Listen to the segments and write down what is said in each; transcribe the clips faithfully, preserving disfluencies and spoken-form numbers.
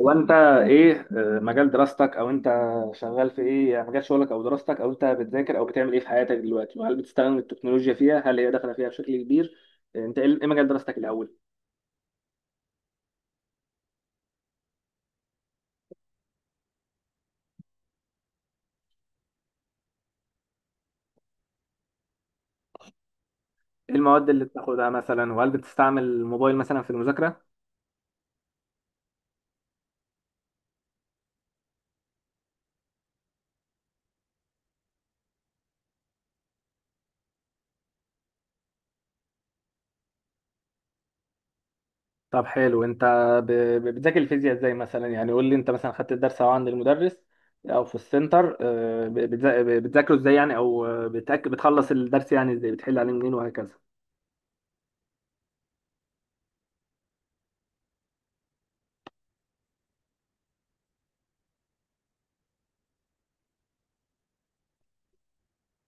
هو انت ايه آه، مجال دراستك او انت شغال في ايه؟ يعني مجال شغلك او دراستك او انت بتذاكر او بتعمل ايه في حياتك دلوقتي؟ وهل بتستخدم التكنولوجيا فيها، هل هي داخله فيها بشكل كبير؟ آه، انت ايه إيه مجال دراستك الاول؟ ايه المواد اللي بتاخدها مثلا، وهل بتستعمل الموبايل مثلا في المذاكره؟ طب حلو. انت ب- ب- بتذاكر الفيزياء ازاي مثلا؟ يعني قول لي، انت مثلا خدت الدرس او عند المدرس او في السنتر، آه، ب- بتذا- بتذاكره ازاي يعني، او آه، بتأك- بتخلص الدرس يعني ازاي؟ بتحل عليه منين وهكذا.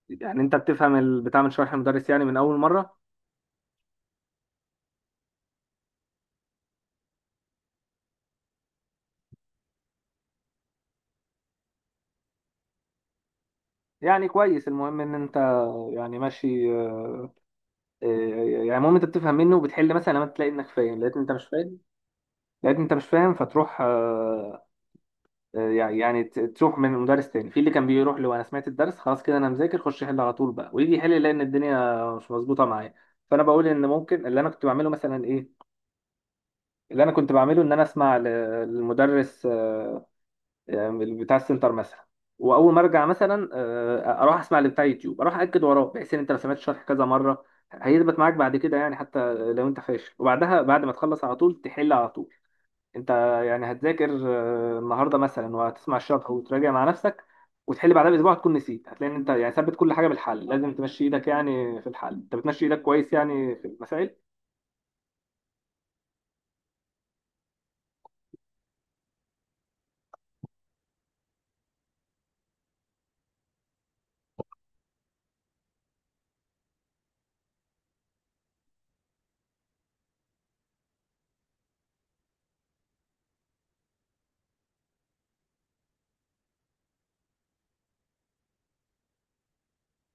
يعني انت بتفهم ال... بتعمل شرح المدرس يعني من اول مره؟ يعني كويس، المهم ان انت يعني ماشي. آه، آه، يعني المهم انت بتفهم منه وبتحل مثلا، لما تلاقي انك فاهم لقيت إن انت مش فاهم، لقيت إن انت مش فاهم فتروح آه، آه، يعني، يعني ت- تروح من مدرس تاني. في اللي كان بيروح له، انا سمعت الدرس خلاص كده، انا مذاكر، خش يحل على طول بقى، ويجي يحل يلاقي ان الدنيا مش مظبوطه معايا. فانا بقول ان ممكن اللي انا كنت بعمله مثلا ايه. اللي انا كنت بعمله ان انا اسمع ل- للمدرس آه، يعني بتاع السنتر مثلا، واول ما ارجع مثلا آه، اروح اسمع اللي بتاع يوتيوب، اروح اكد وراه، بحيث ان انت لو سمعت الشرح كذا مره هيثبت معاك بعد كده، يعني حتى لو انت فاشل. وبعدها بعد ما تخلص على طول تحل على طول. انت يعني هتذاكر آه، النهارده مثلا، وهتسمع الشرح وتراجع مع نفسك، وتحل بعدها باسبوع هتكون نسيت. هتلاقي ان انت يعني ثبت كل حاجه بالحل، لازم تمشي ايدك يعني في الحل، انت بتمشي ايدك كويس يعني في المسائل.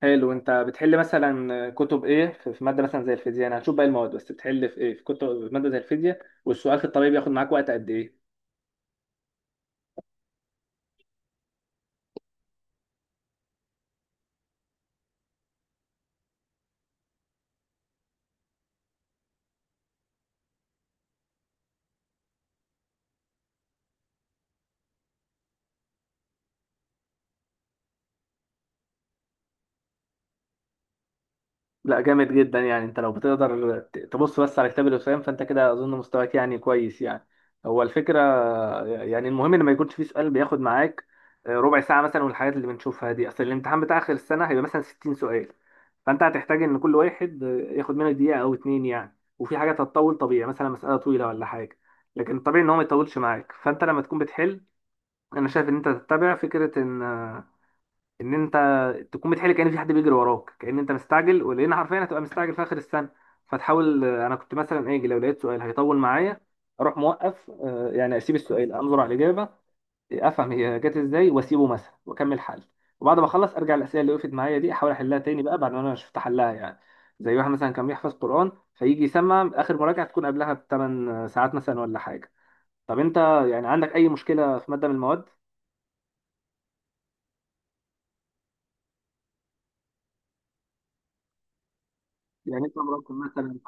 حلو، انت بتحل مثلا كتب ايه في في ماده مثلا زي الفيزياء؟ انا هشوف باقي المواد، بس بتحل في ايه؟ في كتب في ماده زي الفيزياء، والسؤال في الطبيعي بياخد معاك وقت قد ايه؟ لا جامد جدا، يعني انت لو بتقدر ت- تبص بس على كتاب الوسام، فانت كده اظن مستواك يعني كويس يعني. هو الفكره يعني المهم ان ما يكونش فيه سؤال بياخد معاك آه، ربع ساعه مثلا، والحاجات اللي بنشوفها دي، اصل الامتحان بتاع اخر السنه هيبقى مثلا ستين سؤال، فانت هتحتاج ان كل واحد آه، ياخد منك دقيقه او اتنين يعني، وفي حاجات هتطول طبيعي، مثلا مساله طويله ولا حاجه. لكن طبيعي ان هو ما يطولش معاك، فانت لما تكون بتحل، انا شايف ان انت تتبع فكره ان ان انت تكون بتحل كأن في حد بيجري وراك، كأن انت مستعجل، ولان حرفيا هتبقى مستعجل في اخر السنه. فتحاول، انا كنت مثلا اجي لو لقيت سؤال هيطول معايا، اروح موقف آه، يعني اسيب السؤال، انظر على الاجابه، افهم هي جت ازاي، واسيبه مثلا واكمل حل. وبعد ما اخلص ارجع الاسئله اللي وقفت معايا دي، احاول احلها تاني بقى بعد ما انا شفت حلها يعني. زي واحد مثلا كان بيحفظ قران فيجي يسمع اخر مراجعه تكون قبلها بثمان ساعات مثلا ولا حاجه. طب انت يعني عندك اي مشكله في ماده من المواد؟ يعني انت مراكم مثلا؟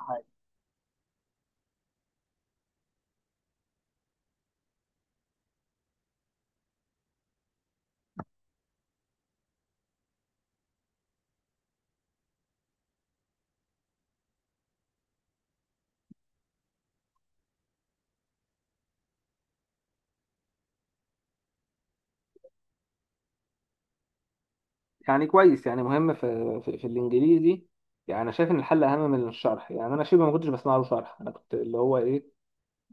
يعني كويس، يعني مهم في في, في الانجليزي. يعني انا شايف ان الحل اهم من الشرح، يعني انا شبه ما كنتش بسمع له شرح، انا كنت اللي هو ايه،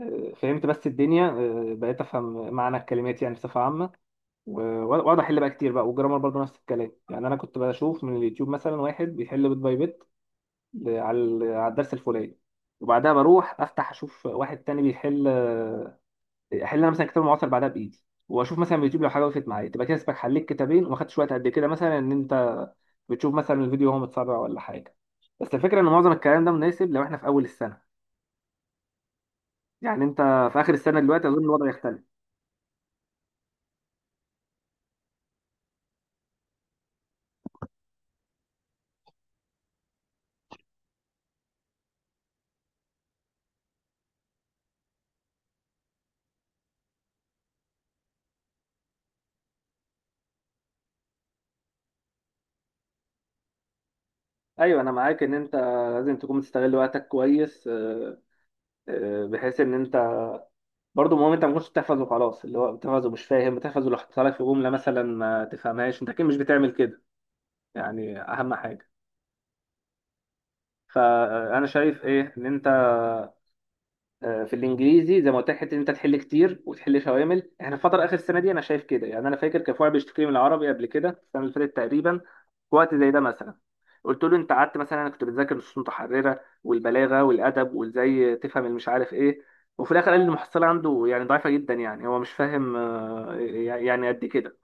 آه، فهمت بس الدنيا، آه، بقيت افهم معنى الكلمات يعني بصفه عامه، و- واقعد احل بقى كتير بقى. والجرامر برضه نفس الكلام، يعني انا كنت بشوف من اليوتيوب مثلا واحد بيحل بيت باي بيت ل- على ال- على الدرس الفلاني، وبعدها بروح افتح اشوف واحد تاني بيحل، احل انا مثلا كتاب معاصر بعدها بايدي، واشوف مثلا فيديو لو حاجه وقفت معايا، تبقى كده اسمك حليت كتابين وما خدتش وقت قد كده مثلا. ان انت بتشوف مثلا الفيديو وهو متسرع ولا حاجه. بس الفكره ان معظم الكلام ده مناسب لو احنا في اول السنه، يعني انت في اخر السنه دلوقتي اظن الوضع يختلف. ايوه انا معاك، ان انت لازم تكون بتستغل وقتك كويس، آه، آه، بحيث ان انت برضه. المهم انت ما كنتش بتحفظ وخلاص، اللي هو بتحفظ ومش فاهم، بتحفظ ولو حصل لك في جمله مثلا ما تفهمهاش، انت اكيد مش بتعمل كده، يعني اهم حاجه. فانا شايف ايه، ان انت آه، في الانجليزي زي ما قلت لك، حته إن انت تحل كتير وتحل شوامل، احنا الفتره اخر السنه دي انا شايف كده يعني. انا فاكر كان في واحد بيشتكي من العربي قبل كده، السنه اللي فاتت تقريبا، في وقت زي ده مثلا، قلت له انت قعدت مثلا، انا كنت بتذاكر نصوص متحرره والبلاغه والادب، وازاي تفهم المش عارف ايه، وفي الاخر قال لي المحصله عنده يعني ضعيفه جدا، يعني هو مش فاهم آه، يعني قد كده.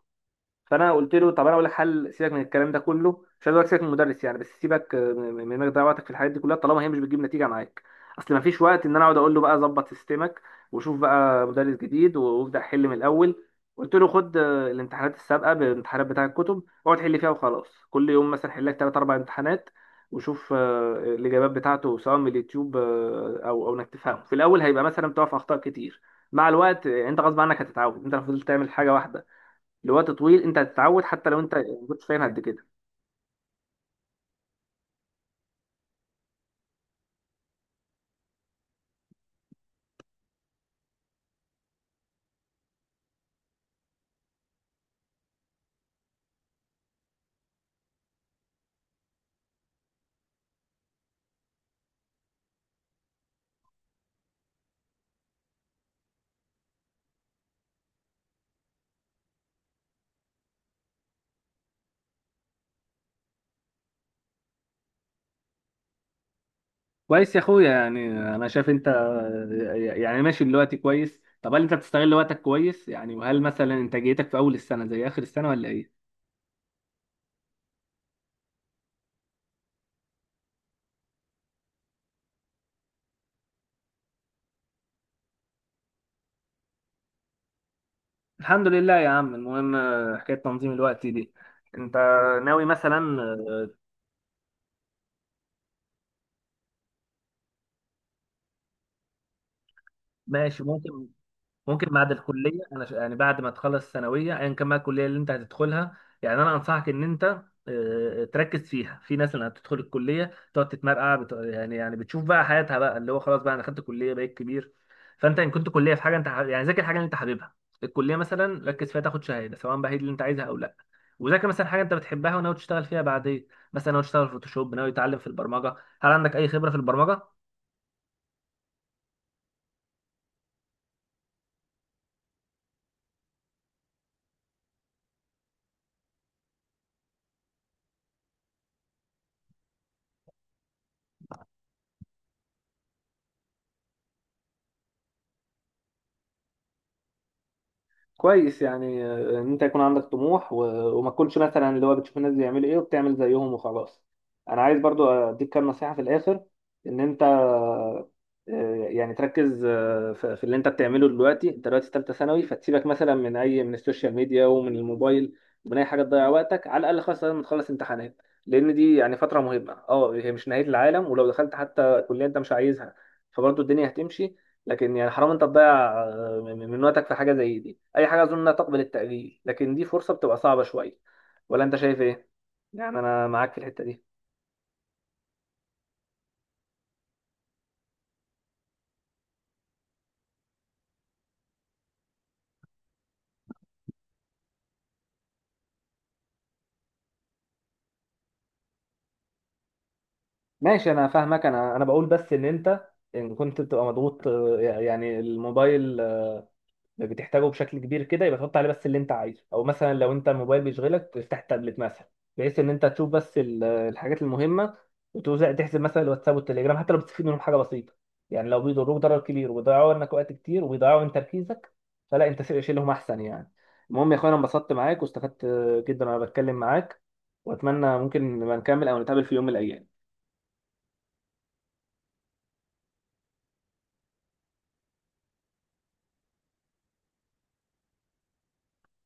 فانا قلت له طب انا اقول لك حل، سيبك من الكلام ده كله، مش عايز اقول لك سيبك من المدرس يعني، بس سيبك آه، من من انك تضيع وقتك في الحاجات دي كلها، طالما هي مش بتجيب نتيجه معاك. اصل ما فيش وقت ان انا اقعد اقول له بقى ظبط سيستمك، وشوف بقى مدرس جديد، وابدا حل من الاول. قلت له خد آه، الامتحانات السابقه بالامتحانات بتاع الكتب، اقعد حل فيها وخلاص، كل يوم مثلا حل لك ثلاث اربع امتحانات، وشوف آه، الاجابات بتاعته سواء من اليوتيوب، آه، او او انك تفهمه. في الاول هيبقى مثلا بتقع في اخطاء كتير، مع الوقت آه، انت غصب عنك هتتعود. انت لو فضلت تعمل حاجه واحده لوقت طويل انت هتتعود، حتى لو انت ما كنتش فاهم قد كده. كويس يا اخويا، يعني انا شايف انت يعني ماشي دلوقتي كويس. طب هل انت بتستغل وقتك كويس يعني؟ وهل مثلا انتاجيتك في اول السنه زي اخر السنه ولا ايه؟ الحمد لله يا عم. المهم آه، حكايه تنظيم الوقت دي، انت ناوي مثلا آه، ماشي ممكن. ممكن بعد الكليه، انا ش- يعني بعد ما تخلص الثانويه ايا كان بقى الكليه اللي انت هتدخلها، يعني انا انصحك ان انت آه، تركز فيها. في ناس اللي هتدخل الكليه تقعد تتمرقع بت... يعني، يعني بتشوف بقى حياتها بقى، اللي هو خلاص بقى انا خدت كليه بقيت كبير. فانت ان كنت كليه في حاجه انت ح- يعني ذاكر حاجه اللي انت حاببها. الكليه مثلا ركز فيها تاخد شهاده، سواء بقى هي دي اللي انت عايزها او لا، وذاكر مثلا حاجه انت بتحبها وناوي تشتغل فيها بعدين، مثلا ناوي تشتغل فوتوشوب، ناوي تتعلم في البرمجه. هل عندك اي خبره في البرمجه؟ كويس يعني، آه، ان انت يكون عندك طموح، و... وما تكونش مثلا اللي هو بتشوف الناس بيعملوا ايه وبتعمل زيهم وخلاص. انا عايز برضو اديك كام نصيحة في الاخر، ان انت آه، يعني تركز آه، في في اللي انت بتعمله دلوقتي. انت دلوقتي ثالثة ثانوي، فتسيبك مثلا من اي من السوشيال ميديا ومن الموبايل، ومن اي حاجة تضيع وقتك على الاقل خالص لما تخلص امتحانات، لان دي يعني فترة مهمة. اه هي مش نهاية العالم، ولو دخلت حتى كلية انت مش عايزها فبرضو الدنيا هتمشي، لكن يعني حرام انت تضيع آه، من من وقتك في حاجه زي دي. اي حاجه اظن انها تقبل التاجيل، لكن دي فرصه بتبقى صعبه شويه. ولا انت شايف ايه؟ يعني انا معاك في الحته دي. ماشي انا فاهمك، انا انا بقول بس ان انت، ان كنت بتبقى مضغوط آه، يعني، الموبايل بتحتاجه بشكل كبير كده، يبقى تحط عليه بس اللي انت عايزه، او مثلا لو انت الموبايل بيشغلك تفتح التابلت مثلا، بحيث ان انت تشوف بس ال- الحاجات المهمه، وتوزع تحسب مثلا الواتساب والتليجرام. حتى لو بتستفيد منهم حاجه بسيطه، يعني لو بيضروك ضرر كبير وبيضيعوا منك وقت كتير وبيضيعوا من تركيزك، فلا انت سيب- شيلهم احسن يعني. المهم يا اخويا، انا انبسطت معاك واستفدت جدا وانا بتكلم معاك، واتمنى ممكن نبقى نكمل او نتقابل في يوم من الايام.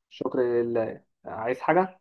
شكرا لله. عايز حاجه؟